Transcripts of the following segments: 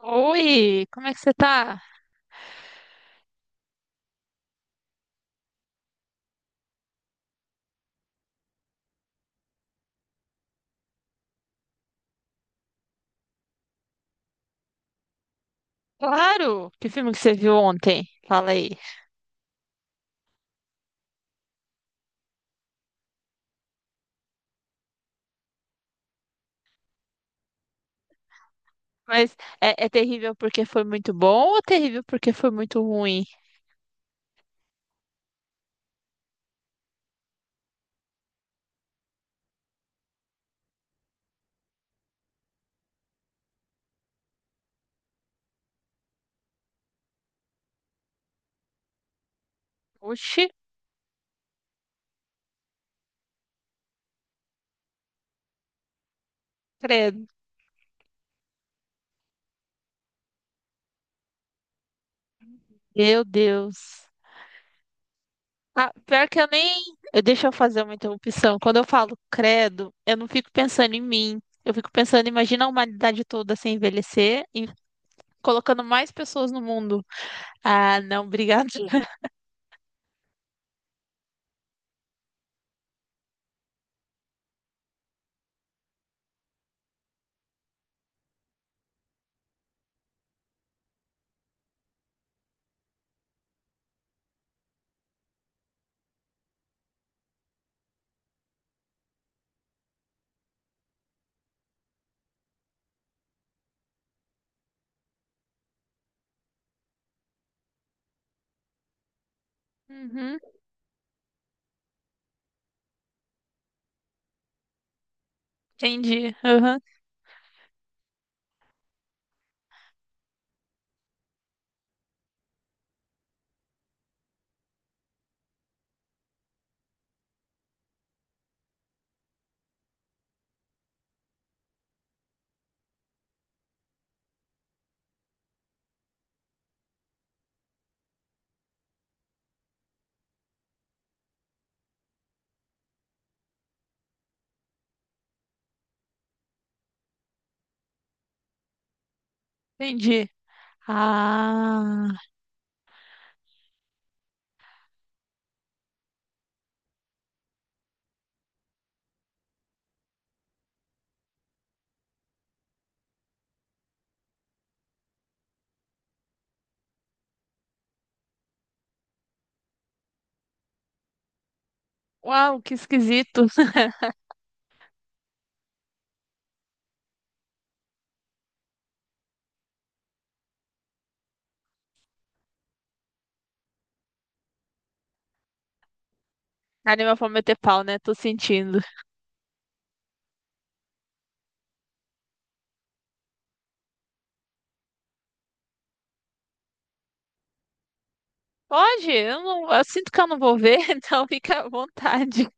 Oi, como é que você tá? Claro! Que filme que você viu ontem? Fala aí. Mas é terrível porque foi muito bom ou terrível porque foi muito ruim? Oxi, credo. Meu Deus. Ah, pior que eu nem. Deixa eu fazer uma interrupção. Quando eu falo credo, eu não fico pensando em mim. Eu fico pensando, imagina a humanidade toda sem envelhecer e colocando mais pessoas no mundo. Ah, não, obrigado. Uhum, entendi. Uhum, entendi. Ah. Uau, que esquisito. Anime pra meter pau, né? Tô sentindo. Pode, eu não, eu sinto que eu não vou ver, então fica à vontade.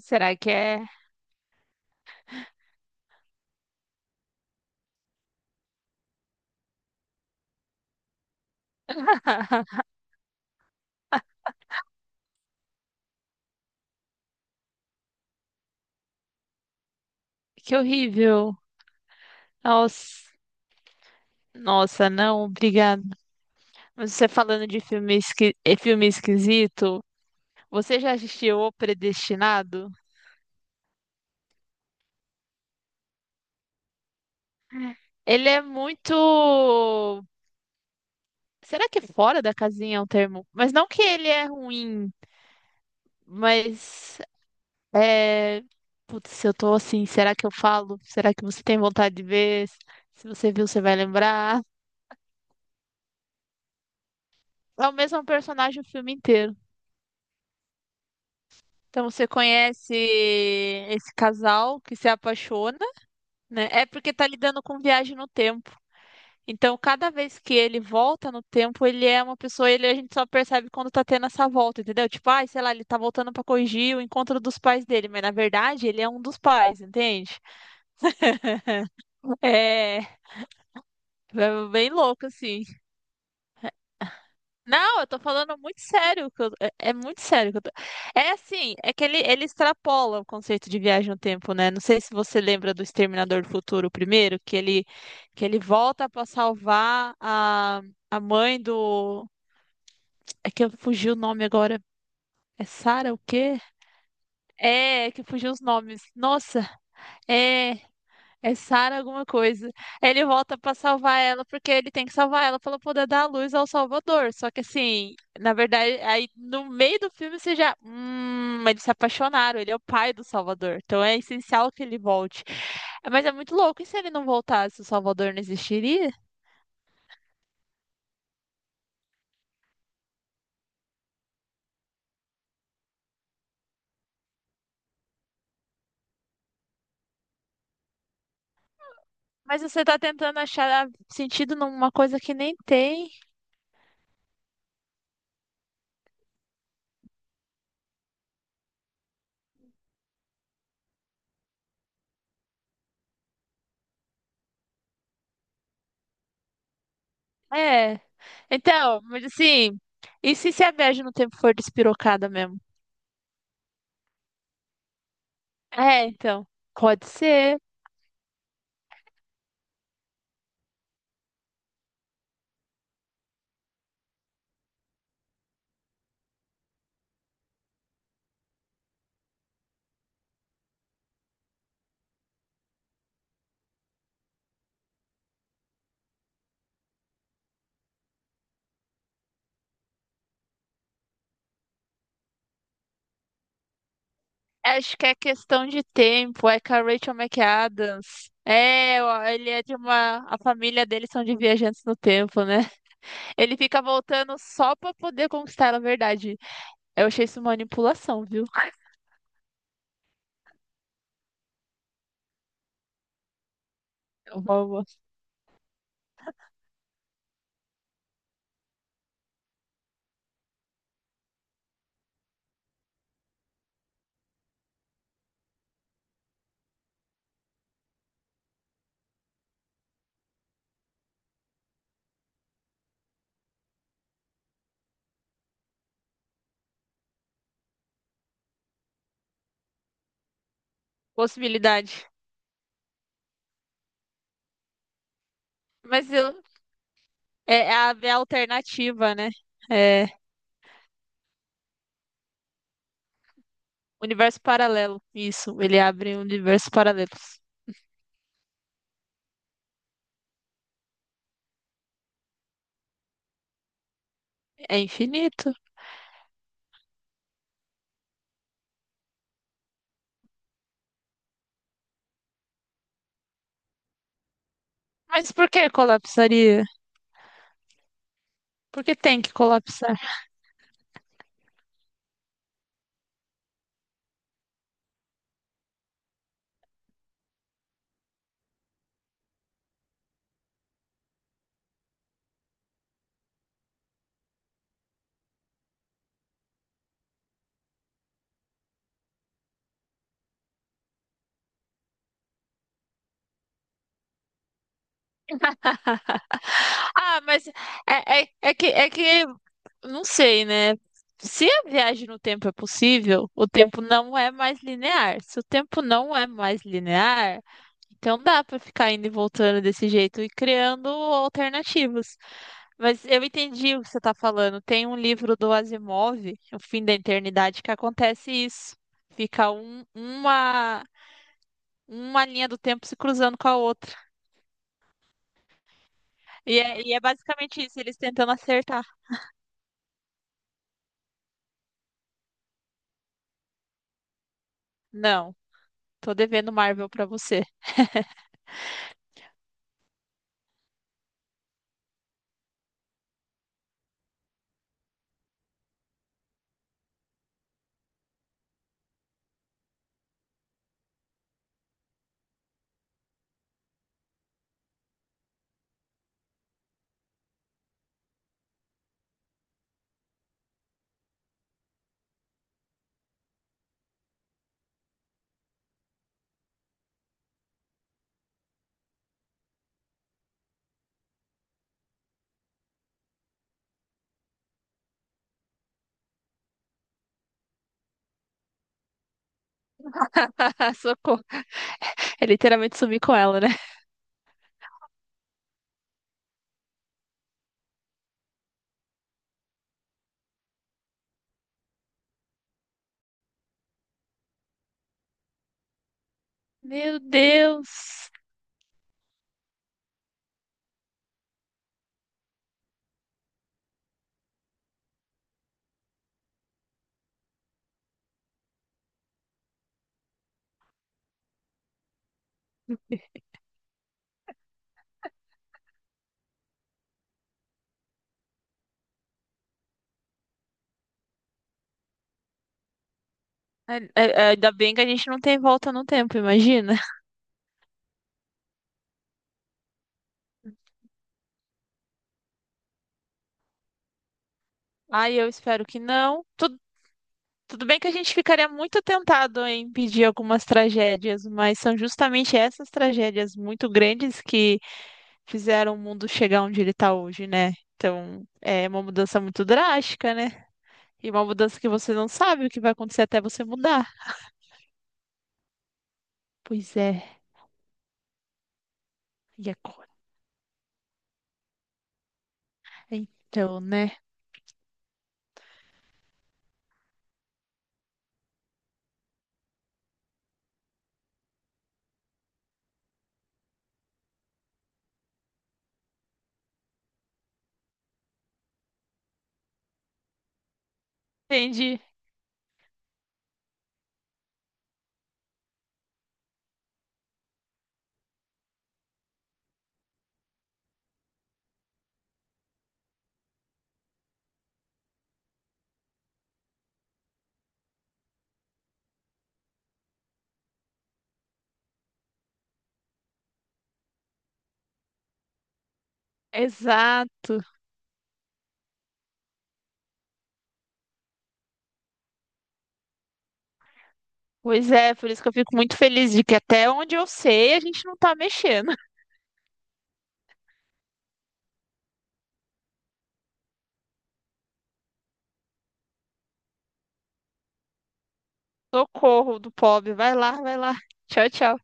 Será que é? Que horrível. Nossa, nossa, não, obrigada. Mas você falando de filme, filme esquisito, você já assistiu O Predestinado? Ele é muito. Será que é fora da casinha é um termo? Mas não que ele é ruim, mas. É, putz, se eu tô assim, será que eu falo? Será que você tem vontade de ver? Se você viu, você vai lembrar. É o mesmo personagem o filme inteiro. Então você conhece esse casal que se apaixona, né? É porque tá lidando com viagem no tempo. Então, cada vez que ele volta no tempo, ele é uma pessoa, ele a gente só percebe quando tá tendo essa volta, entendeu? Tipo, ai, sei lá, ele tá voltando pra corrigir o encontro dos pais dele, mas na verdade ele é um dos pais, entende? É, é bem louco assim. Não, eu tô falando muito sério. É é muito sério. É assim, é que ele extrapola o conceito de viagem no tempo, né? Não sei se você lembra do Exterminador do Futuro o primeiro, que ele volta pra salvar a mãe do. É que eu fugi o nome agora. É Sarah o quê? É, que fugiu os nomes. Nossa, é. É Sara alguma coisa. Ele volta pra salvar ela porque ele tem que salvar ela para poder dar luz ao Salvador. Só que assim, na verdade, aí no meio do filme você já, eles se apaixonaram, ele é o pai do Salvador. Então é essencial que ele volte. Mas é muito louco, e se ele não voltasse, o Salvador não existiria? Mas você tá tentando achar sentido numa coisa que nem tem. É. Então, mas assim, e se a viagem no tempo for despirocada mesmo? É, então. Pode ser. Acho que é questão de tempo. É com a Rachel McAdams. É, ó, ele é de uma. A família dele são de viajantes no tempo, né? Ele fica voltando só pra poder conquistar a verdade. Eu achei isso manipulação, viu? Uma possibilidade. Mas eu, é, abre a alternativa, né? É universo paralelo. Isso, ele abre universos paralelos. É infinito. Mas por que colapsaria? Por que tem que colapsar? Ah, mas é que não sei, né? Se a viagem no tempo é possível, o tempo não é mais linear. Se o tempo não é mais linear, então dá pra ficar indo e voltando desse jeito e criando alternativas. Mas eu entendi o que você tá falando. Tem um livro do Asimov, O Fim da Eternidade, que acontece isso. Fica uma linha do tempo se cruzando com a outra. E é basicamente isso, eles tentando acertar. Não, tô devendo Marvel pra você. Socorro. É literalmente sumir com ela, né? Meu Deus. Ainda bem que a gente não tem volta no tempo, imagina. Ai, eu espero que não. Tudo, bem que a gente ficaria muito tentado em impedir algumas tragédias, mas são justamente essas tragédias muito grandes que fizeram o mundo chegar onde ele tá hoje, né? Então, é uma mudança muito drástica, né? E uma mudança que você não sabe o que vai acontecer até você mudar. Pois é. E agora? Então, né? Entendi. Exato. Pois é, por isso que eu fico muito feliz de que até onde eu sei a gente não tá mexendo. Socorro do pobre. Vai lá, vai lá. Tchau, tchau.